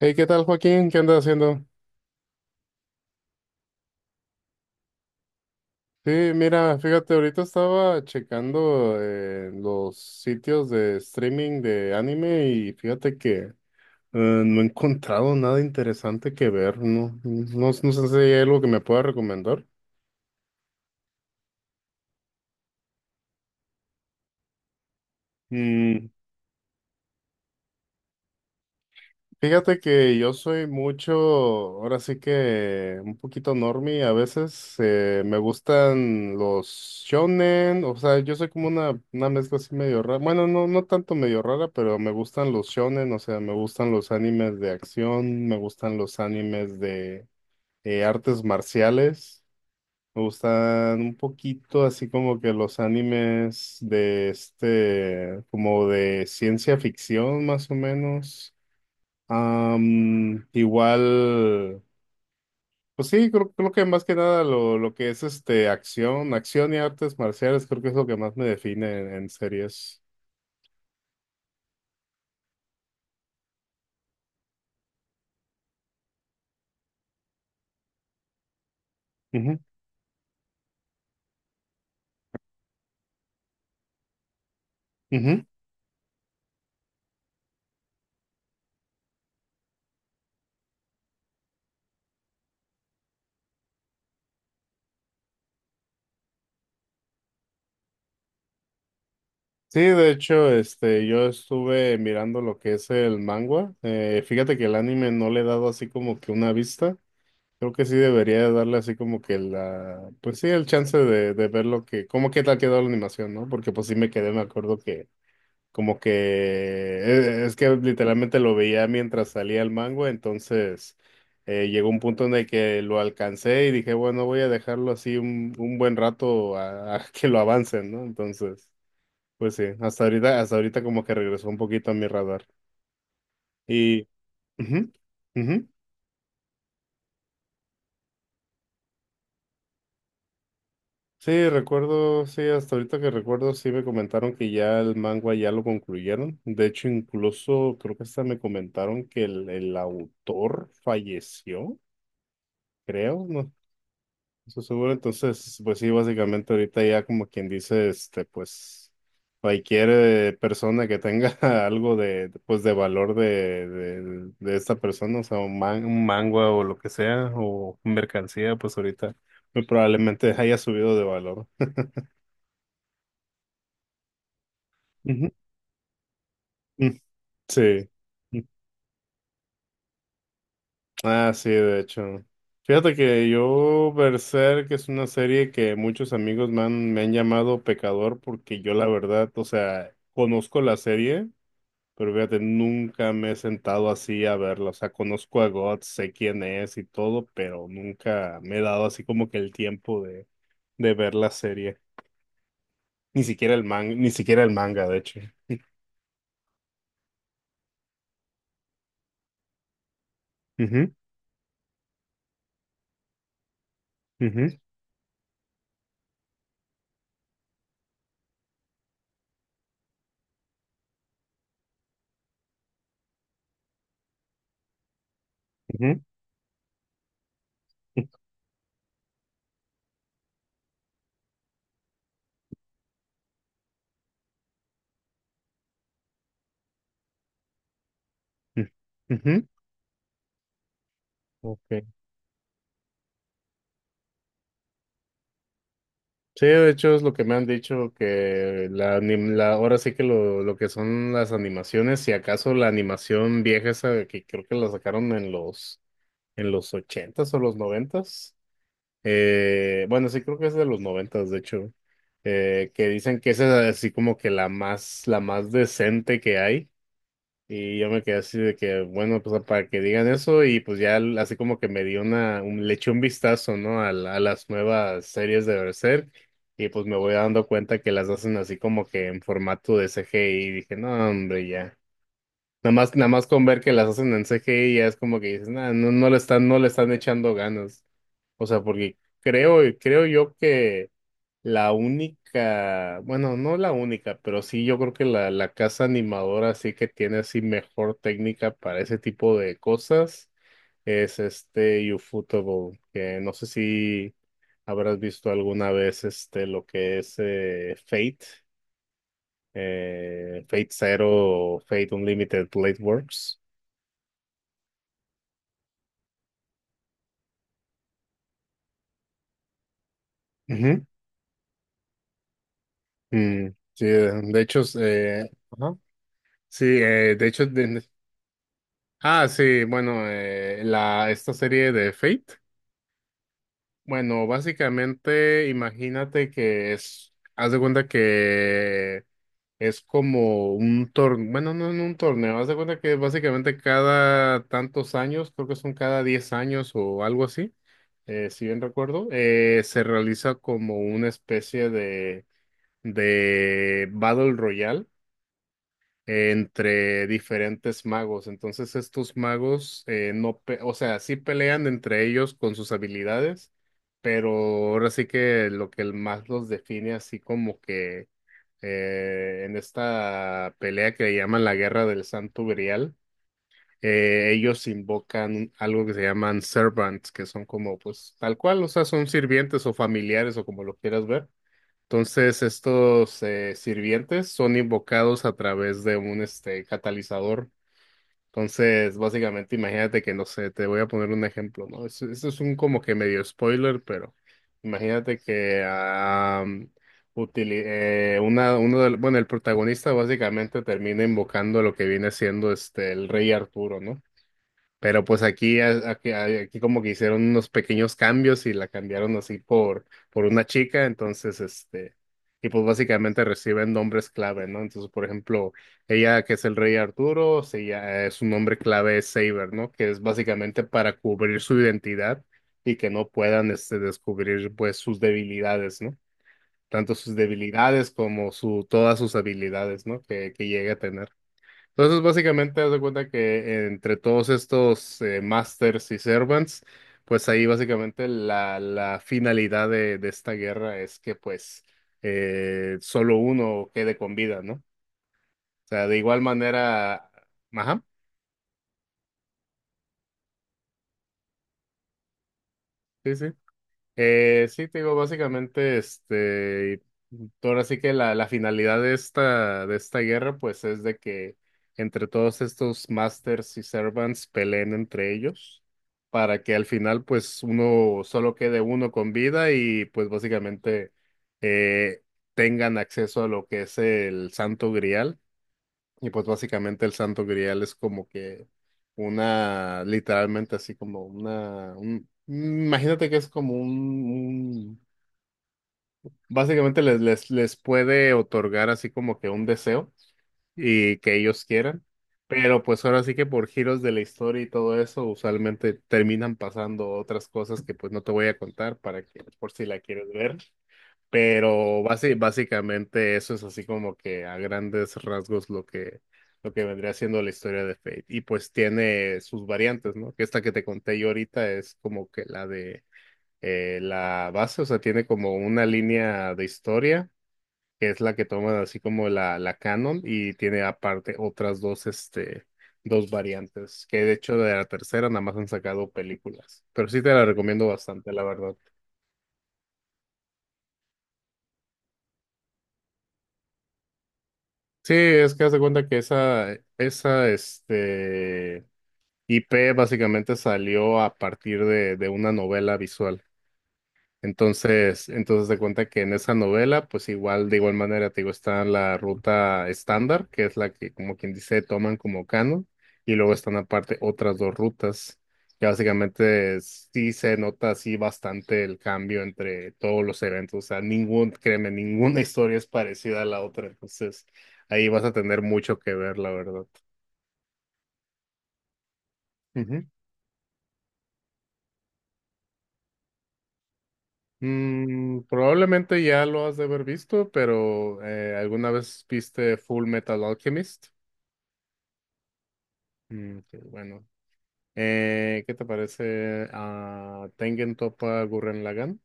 Hey, ¿qué tal, Joaquín? ¿Qué andas haciendo? Sí, mira, fíjate, ahorita estaba checando los sitios de streaming de anime y fíjate que no he encontrado nada interesante que ver, ¿no? No, no sé si hay algo que me pueda recomendar. Fíjate que yo soy mucho, ahora sí que un poquito normie a veces, me gustan los shonen. O sea, yo soy como una mezcla así medio rara. Bueno, no, no tanto medio rara, pero me gustan los shonen. O sea, me gustan los animes de acción, me gustan los animes de artes marciales, me gustan un poquito así como que los animes de este, como de ciencia ficción más o menos. Igual, pues sí, creo que más que nada lo que es este acción, acción y artes marciales. Creo que es lo que más me define en series. Ujú, ujú. Sí, de hecho, este, yo estuve mirando lo que es el manga. Fíjate que el anime no le he dado así como que una vista. Creo que sí debería darle así como que la, pues sí, el chance de ver lo que, cómo que tal quedó la animación, ¿no? Porque pues sí me quedé, me acuerdo que como que es que literalmente lo veía mientras salía el mango. Entonces llegó un punto en el que lo alcancé y dije, bueno, voy a dejarlo así un buen rato a que lo avancen, ¿no? Entonces, pues sí, hasta ahorita como que regresó un poquito a mi radar. Y ujú, ujú. Sí, recuerdo, sí, hasta ahorita que recuerdo, sí me comentaron que ya el manga ya lo concluyeron. De hecho, incluso creo que hasta me comentaron que el autor falleció. Creo, no, no estoy seguro. Entonces, pues sí, básicamente ahorita ya como quien dice, este, pues cualquier persona que tenga algo de, pues de valor de esta persona. O sea, un, man- un mangua o lo que sea, o mercancía, pues ahorita muy probablemente haya subido de valor. Ujú. Mm, Sí. Ah, sí, de hecho. Fíjate que yo, Berserk, es una serie que muchos amigos me han llamado pecador, porque yo la verdad, o sea, conozco la serie, pero fíjate, nunca me he sentado así a verla. O sea, conozco a God, sé quién es y todo, pero nunca me he dado así como que el tiempo de ver la serie. Ni siquiera el manga, ni siquiera el manga, de hecho. Ujú, ujú, ujú, ujú, ujú. Ok. Sí, de hecho es lo que me han dicho, que la, anim- la- ahora sí que lo que son las animaciones, si acaso la animación vieja esa que creo que la sacaron en los ochentas o los noventas, bueno sí creo que es de los noventas de hecho, que dicen que esa es así como que la más decente que hay. Y yo me quedé así de que, bueno, pues para que digan eso, y pues ya l- así como que me dio una, un, le eché un vistazo, ¿no? A, la- a las nuevas series de Berserk, y pues me voy dando cuenta que las hacen así como que en formato de CGI y dije, no, hombre, ya. Nada más, nada más con ver que las hacen en CGI ya es como que dices, "Nah, no, no le están, no le están echando ganas". O sea, porque creo, creo yo, la única, bueno, no la única, pero sí yo creo que la casa animadora sí que tiene así mejor técnica para ese tipo de cosas es este Ufotable, que no sé si habrás visto alguna vez este lo que es Fate, Fate Zero o Fate Unlimited Blade Works. Ujú. Mm, sí, de hecho, es, ajá. Sí, de hecho, de- ah, sí, bueno, la, esta serie de Fate. Bueno, básicamente imagínate que es, haz de cuenta que es como un torneo, bueno, no, no un torneo, haz de cuenta que básicamente cada tantos años, creo que son cada 10 años o algo así, si bien recuerdo, se realiza como una especie de Battle Royale entre diferentes magos. Entonces estos magos no, pe- o sea, sí pelean entre ellos con sus habilidades, pero ahora sí que lo que el más los define así como que en esta pelea que llaman la Guerra del Santo Grial, ellos invocan algo que se llaman servants, que son como pues tal cual. O sea, son sirvientes o familiares o como lo quieras ver. Entonces, estos sirvientes son invocados a través de un este, catalizador. Entonces, básicamente, imagínate que, no sé, te voy a poner un ejemplo, ¿no? Es- Esto es un como que medio spoiler, pero imagínate que utili- una, uno del- bueno, el protagonista básicamente termina invocando lo que viene siendo este, el rey Arturo, ¿no? Pero pues aquí, a- aquí, a- aquí como que hicieron unos pequeños cambios y la cambiaron así por una chica, entonces este, y pues básicamente reciben nombres clave, ¿no? Entonces, por ejemplo, ella que es el rey Arturo, se lla- su nombre clave es Saber, ¿no? Que es básicamente para cubrir su identidad y que no puedan este, descubrir pues sus debilidades, ¿no? Tanto sus debilidades como su, todas sus habilidades, ¿no? Que llegue a tener. Entonces, básicamente, haz de cuenta que entre todos estos masters y servants, pues ahí básicamente la, la finalidad de esta guerra es que pues solo uno quede con vida, ¿no? O sea, de igual manera, ajá, sí, sí. Sí, te digo, básicamente, este, ahora sí que la finalidad de esta guerra, pues, es de que entre todos estos masters y servants peleen entre ellos, para que al final, pues, uno, solo quede uno con vida y, pues, básicamente, eh, tengan acceso a lo que es el Santo Grial. Y pues básicamente el Santo Grial es como que una, literalmente así como una, un- imagínate que es como un- básicamente les, les, les puede otorgar así como que un deseo y que ellos quieran, pero pues ahora sí que por giros de la historia y todo eso, usualmente terminan pasando otras cosas que pues no te voy a contar para que por si la quieres ver. Pero basi- básicamente eso es así como que a grandes rasgos lo que vendría siendo la historia de Fate. Y pues tiene sus variantes, ¿no? Que esta que te conté yo ahorita es como que la de la base. O sea, tiene como una línea de historia, que es la que toman así como la canon, y tiene aparte otras dos, este, dos variantes, que de hecho de la tercera nada más han sacado películas. Pero sí te la recomiendo bastante, la verdad. Sí, es que haz de cuenta que esa, este, IP básicamente salió a partir de una novela visual. Entonces, entonces de cuenta que en esa novela, pues igual, de igual manera, te digo, está la ruta estándar, que es la que, como quien dice, toman como canon, y luego están aparte otras dos rutas, que básicamente sí se nota así bastante el cambio entre todos los eventos. O sea, ningún, créeme, ninguna historia es parecida a la otra, entonces ahí vas a tener mucho que ver, la verdad. Ujú. Probablemente ya lo has de haber visto, pero ¿alguna vez viste Full Metal Alchemist? Qué bueno. ¿Qué te parece a Tengen Toppa Gurren Lagann?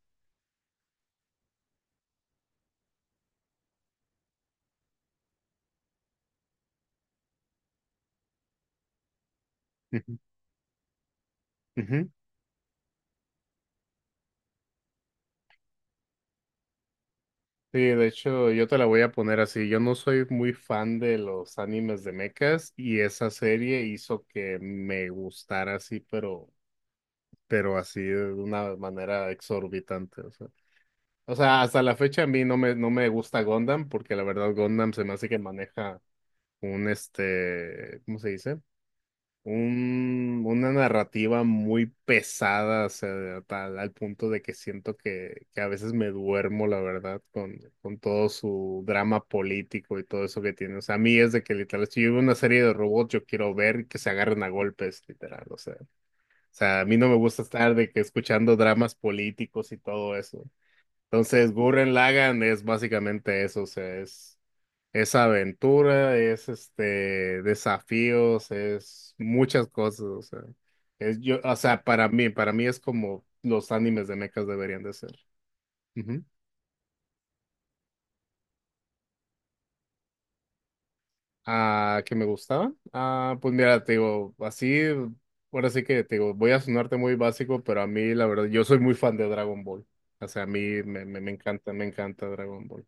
Ujú, ujú. Sí, de hecho, yo te la voy a poner así. Yo no soy muy fan de los animes de mechas y esa serie hizo que me gustara así, pero así de una manera exorbitante. O sea, hasta la fecha a mí no me, no me gusta Gundam, porque la verdad Gundam se me hace que maneja un este, ¿cómo se dice? Un- una narrativa muy pesada. O sea, tal, al punto de que siento que a veces me duermo, la verdad, con todo su drama político y todo eso que tiene. O sea, a mí es de que literal, si yo veo una serie de robots, yo quiero ver que se agarren a golpes, literal. O sea, a mí no me gusta estar de que escuchando dramas políticos y todo eso. Entonces, Gurren Lagann es básicamente eso, o sea, es. Es aventura, es este desafíos, es muchas cosas. O sea, es yo, o sea, para mí es como los animes de mechas deberían de ser. Ujú. ¿Ah, que me gustaba? Ah, pues mira, te digo, así, ahora sí que te digo, voy a sonarte muy básico, pero a mí la verdad, yo soy muy fan de Dragon Ball. O sea, a mí me, me, me encanta Dragon Ball.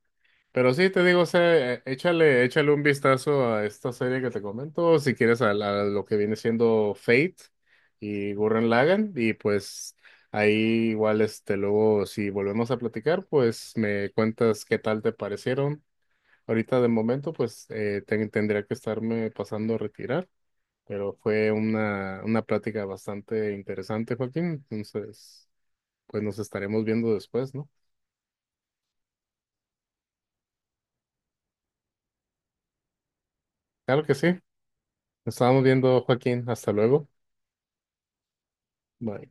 Pero sí, te digo, o sea, échale, échale un vistazo a esta serie que te comento, si quieres a, la- a lo que viene siendo Fate y Gurren Lagann, y pues ahí igual, este, luego si volvemos a platicar, pues me cuentas qué tal te parecieron. Ahorita de momento, pues ten- tendría que estarme pasando a retirar, pero fue una plática bastante interesante, Joaquín. Entonces, pues nos estaremos viendo después, ¿no? Claro que sí, nos estamos viendo, Joaquín, hasta luego. Bye.